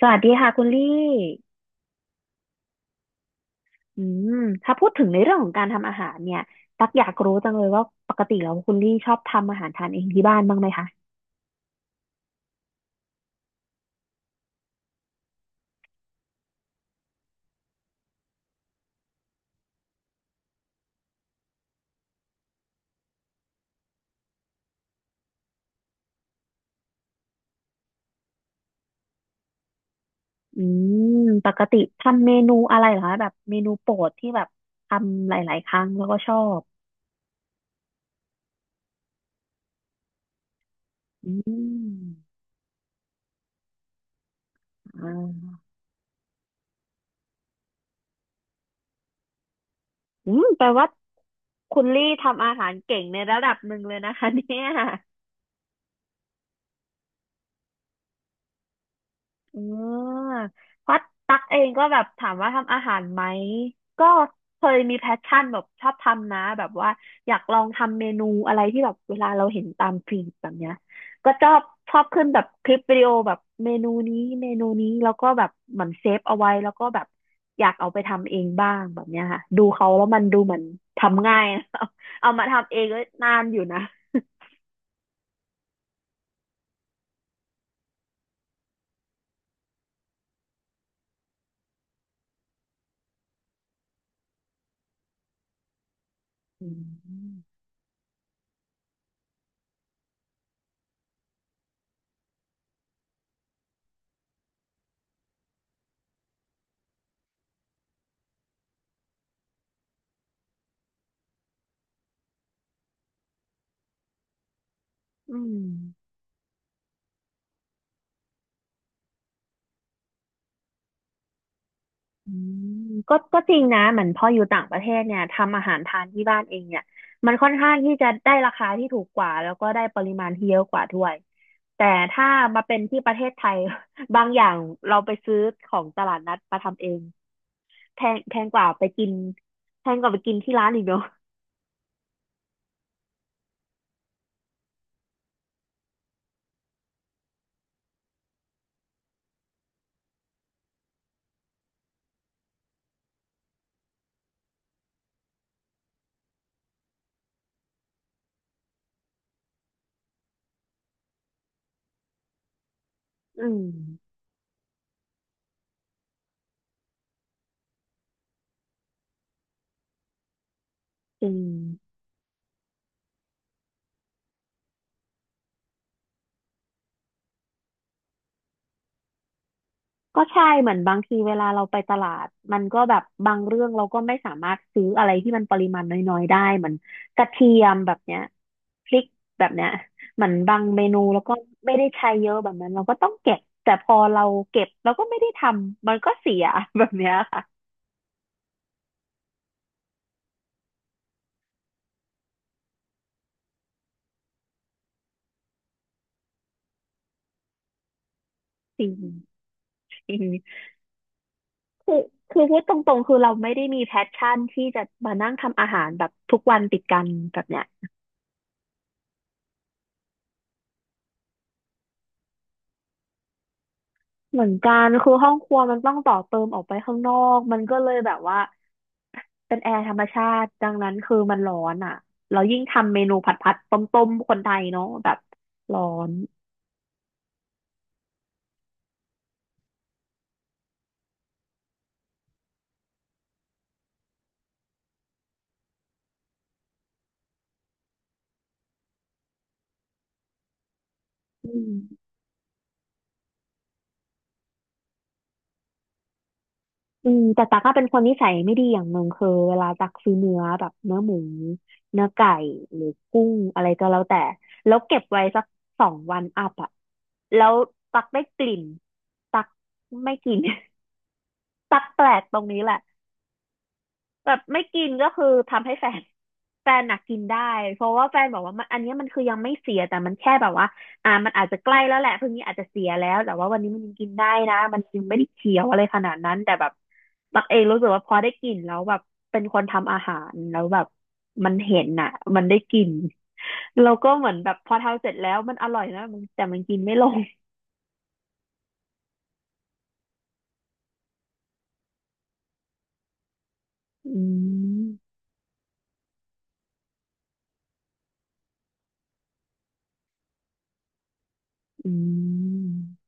สวัสดีค่ะคุณลี่อืมถ้าพูดถึงในเรื่องของการทำอาหารเนี่ยตักอยากรู้จังเลยว่าปกติแล้วคุณลี่ชอบทำอาหารทานเองที่บ้านบ้างไหมคะอืมปกติทำเมนูอะไรเหรอคะแบบเมนูโปรดที่แบบทำหลายๆครั้งแล้วก็ชอบอืมอ่าอืมแปลว่าคุณลี่ทำอาหารเก่งในระดับหนึ่งเลยนะคะเนี่ย อืมเพราะตักเองก็แบบถามว่าทำอาหารไหม ก็เคยมีแพชชั่นแบบชอบทำนะแบบว่าอยากลองทำเมนูอะไรที่แบบเวลาเราเห็นตามฟีดแบบเนี้ย ก็ชอบชอบขึ้นแบบคลิปวิดีโอแบบเมนูนี้เมนูนี้แล้วก็แบบเหมือนเซฟเอาไว้แล้วก็แบบอยากเอาไปทำเองบ้างแบบเนี้ยค่ะดูเขาแล้วมันดูเหมือนทำง่าย นะเอามาทำเองก็นานอยู่นะอืมอืม อืมก็ก็จริงนะเหมือนพออยู่ต่างประเทศเนี่ยทำอาหารทานที่บ้านเองเนี่ยมันค่อนข้างที่จะได้ราคาที่ถูกกว่าแล้วก็ได้ปริมาณที่เยอะกว่าด้วยแต่ถ้ามาเป็นที่ประเทศไทย บางอย่างเราไปซื้อของตลาดนัดมาทำเองแพงแพงกว่าไปกินแพงกว่าไปกินที่ร้านอีกเนอะอืมจริง ก็ใช่เหมือนบางทีเวลาเราไปตลาดมันก็แบบบางเรื่องเราก็ไม่สามารถซื้ออะไรที่มันปริมาณน้อยๆได้เหมือนกระเทียมแบบเนี้ยพริกแบบเนี้ยเหมือนบางเมนูแล้วก็ไม่ได้ใช้เยอะแบบนั้นเราก็ต้องเก็บแต่พอเราเก็บเราก็ไม่ได้ทำมันก็เสียแบบเนี้ยค่ะจริงจริงคือคือพูดตรงๆคือเราไม่ได้มีแพชชั่นที่จะมานั่งทำอาหารแบบทุกวันติดกันแบบเนี้ย เหมือนกันคือห้องครัวมันต้องต่อเติมออกไปข้างนอกมันก็เลยแบบว่าเป็นแอร์ธรรมชาติดังนั้นคือมันร้อนอ่ะเรายิ่งทำเมนูผัดผัดต้มต้มคนไทยเนาะแบบร้อนอืมอืมแต่ตักก็เป็นคนนิสัยไม่ดีอย่างหนึ่งคือเวลาตักซื้อเนื้อแบบเนื้อหมูเนื้อไก่หรือกุ้งอะไรก็แล้วแต่แล้วเก็บไว้สักสองวันอัพอ่ะแล้วตักได้กลิ่นตักไม่กิน ตักแปลกตรงนี้แหละ แบบไม่กินก็คือทำให้แฟน แฟนน่ะกินได้เพราะว่าแฟนบอกว่ามันอันเนี้ยมันคือยังไม่เสียแต่มันแค่แบบว่าอ่ามันอาจจะใกล้แล้วแหละพรุ่งนี้อาจจะเสียแล้วแต่ว่าวันนี้มันยังกินได้นะมันยังไม่ได้เขียวอะไรขนาดนั้นแต่แบบตักเองรู้สึกว่าพอได้กินแล้วแบบเป็นคนทำอาหารแล้วแบบมันเห็นน่ะมันได้กินเราก็เหมือนแบบพอทำเสร็จแล้วมันอร่อยนะมันแต่มันกินไม่ลงอืมอืม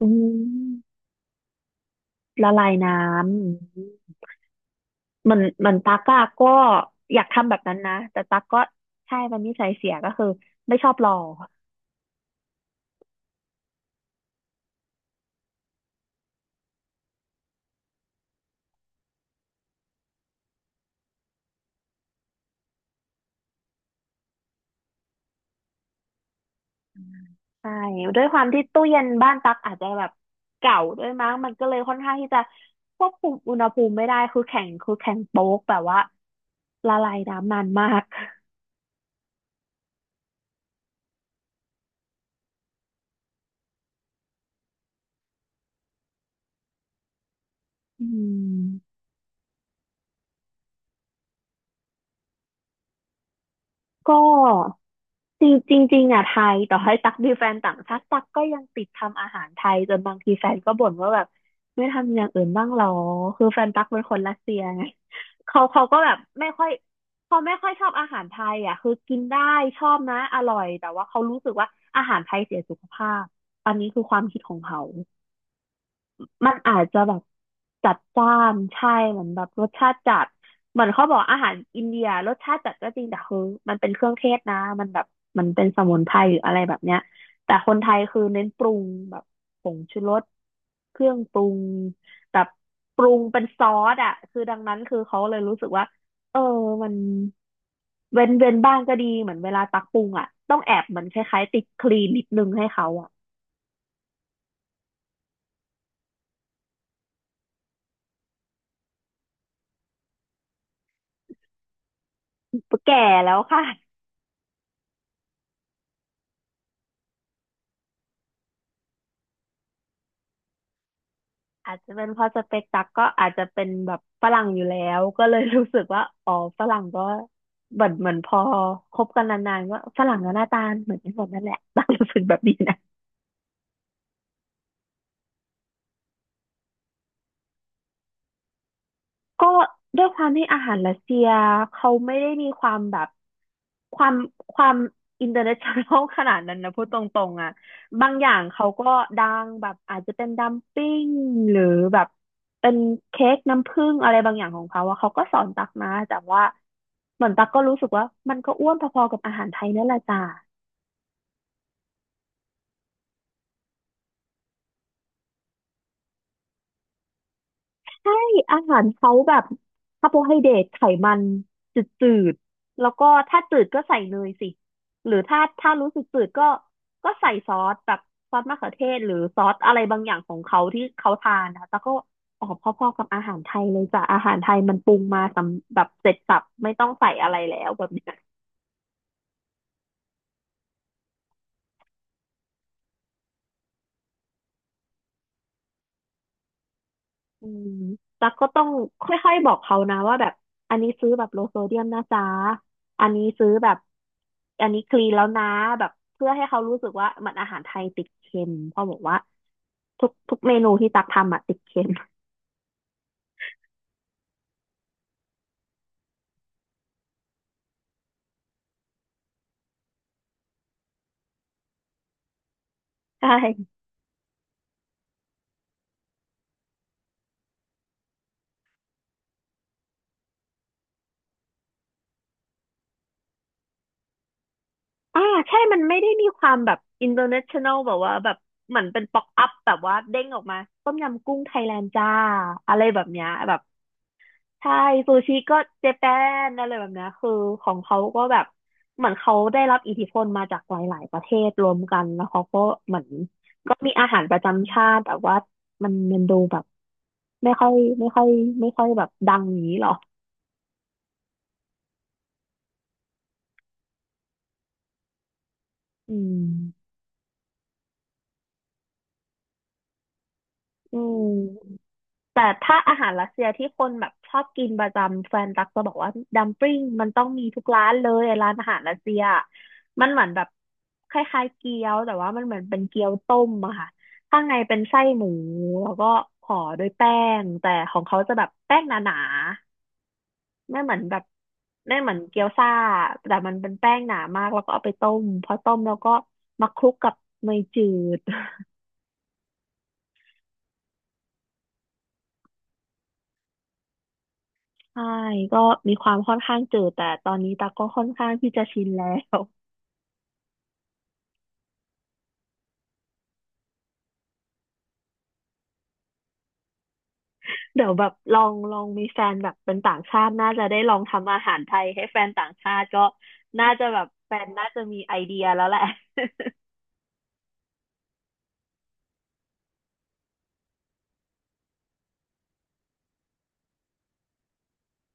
อืมละลายน้ำ เหมือนตั๊กอะก็อยากทำแบบนั้นนะแต่ตั๊กก็ใช่มันนิสัยเสียก็คือไม่ชอบรอใช่ด้วยความที่ตู้เย็นบ้านตั๊กอาจจะแบบเก่าด้วยมั้งมันก็เลยค่อนข้างที่จะควบคุมอุณหภูมิไม่ได้คือแข็งคือแข็งโป๊กแบบว่าละลายน้ำนานมากอืม ก็จริงจริงจริงอ่ะไทยต่อให้ตักมีแฟนต่างชาติตักก็ยังติดทำอาหารไทยจนบางทีแฟนก็บ่นว่าแบบไม่ทำอย่างอื่นบ้างหรอคือแฟนตักเป็นคนรัสเซียไงเขาก็แบบไม่ค่อยเขาไม่ค่อยชอบอาหารไทยอะคือกินได้ชอบนะอร่อยแต่ว่าเขารู้สึกว่าอาหารไทยเสียสุขภาพอันนี้คือความคิดของเขา มันอาจจะแบบจัดจ้านใช่เหมือนแบบรสชาติจัดเหมือนเขาบอกอาหารอินเดียรสชาติจัดก็จริงแต่คือมันเป็นเครื่องเทศนะมันแบบมันเป็นสมุนไพรหรืออะไรแบบเนี้ยแต่คนไทยคือเน้นปรุงแบบผงชูรสเครื่องปรุงแบบปรุงเป็นซอสอ่ะคือดังนั้นคือเขาเลยรู้สึกว่าเออมันเว้นเว้นบ้างก็ดีเหมือนเวลาตักปรุงอ่ะต้องแอบเหมือนคล้ายๆติดคลีนนิดนึงให้เขาอ่ะแก่แล้วค่ะ อาจจะเป็นเพราะสเปกตักก็อาจจะเป็นแบบฝรั่งอยู่แล้วก็เลย รู้สึกว่าอ๋อฝรั่งก็เหมือนพอคบกันนานๆก็ฝรั่งก็หน้าตาเหมือนกันหมดนั่นแหละ ตักรู้สึกแบบนี้นะ ก็ด้วยความที่อาหารรัสเซียเขาไม่ได้มีความแบบความความอินเตอร์เนชั่นแนล ขนาดนั้นนะพูดตรงๆอ่ะบางอย่างเขาก็ดังแบบอาจจะเป็นดัมปิ้งหรือแบบเป็นเค้กน้ำผึ้งอะไรบางอย่างของเขาอะเขาก็สอนตักมาแต่ว่าเหมือนตักก็รู้สึกว่ามันก็อ้วนพอๆกับอาหารไทยนั่นแหละจ้า ใช่อาหารเขาแบบคาร์โบไฮเดรตไขมันจืดๆแล้วก็ถ้าจืดก็ใส่เนยสิหรือถ้ารู้สึกจืดก็ใส่ซอสแบบซอสมะเขือเทศหรือซอสอะไรบางอย่างของเขาที่เขาทานนะคะแล้วก็ออกพอๆกับอาหารไทยเลยจ้ะอาหารไทยมันปรุงมาสำแบบเสร็จสับไม่ต้องใส่อะไรแล้วแบบนี้ อืมตั๊กก็ต้องค่อยๆบอกเขานะว่าแบบอันนี้ซื้อแบบโลโซเดียมนะจ๊ะอันนี้ซื้อแบบอันนี้คลีนแล้วนะแบบเพื่อให้เขารู้สึกว่ามันอาหารไทยติดเค็มเพราะบอกว่าทุกเมนูที่ตักทำอะติดเค็ม ใช่อ่าใช่มันไม่ได้มีความแบบ international แบบว่าแบบเหมือนเป็นป๊อกอัพแบบว่าเด้งออกมาต้มยำกุ้งไทยแลนด์จ้าอะไรแบบเนี้ยแบบ ใช่ซูชิก็เจแปนอะไรแบบเนี้ยคือของเขาก็แบบเหมือนเขาได้รับอิทธิพลมาจากหลาย ๆ ประเทศรวมกันแล้วเขาก็เหมือนก็มีอาหารประจำชาติแต่ว่ามันดูแบบไม่ค่อยไม่ค่อยไม่ค่อยแบบดังอย่างนี้หรออืมอืม แต่ถ้าอาหารรัสเซียที่คนแบบชอบกินประจำแฟนตักจะบอกว่าดัมปลิ้งมันต้องมีทุกร้านเลยร้านอาหารรัสเซียมันเหมือนแบบคล้ายๆเกี๊ยวแต่ว่ามันเหมือนเป็นเกี๊ยวต้มอะค่ะข้างในเป็นไส้หมูแล้วก็ห่อด้วยแป้งแต่ของเขาจะแบบแป้งหนาๆไม่เหมือนแบบไม่เหมือนเกี๊ยวซ่าแต่มันเป็นแป้งหนามากแล้วก็เอาไปต้มพอต้มแล้วก็มาคลุกกับเนยจืด ใช่ก็มีความค่อนข้างจืดแต่ตอนนี้ตักก็ค่อนข้างที่จะชินแล้ว เดี๋ยวแบบลองมีแฟนแบบเป็นต่างชาติน่าจะได้ลองทำอาหารไทยให้แฟนต่างชาติก็น่าจะแบบแฟนน่าจะมีไอเดียแล้วแหละ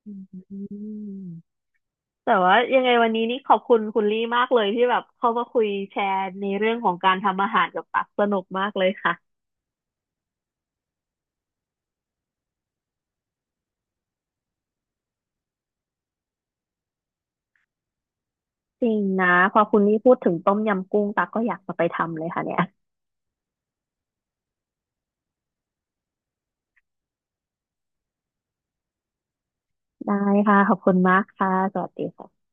อืมแต่ว่ายังไงวันนี้นี่ขอบคุณคุณลี่มากเลยที่แบบเข้ามาคุยแชร์ในเรื่องของการทำอาหารกับตักสนุกมากเลยค่ะจริงนะพอคุณลี่พูดถึงต้มยำกุ้งตักก็อยากจะไปทำเลยค่ะเนี่ยได้ค่ะขอบคุณมากค่ะสวัสดีค่ะ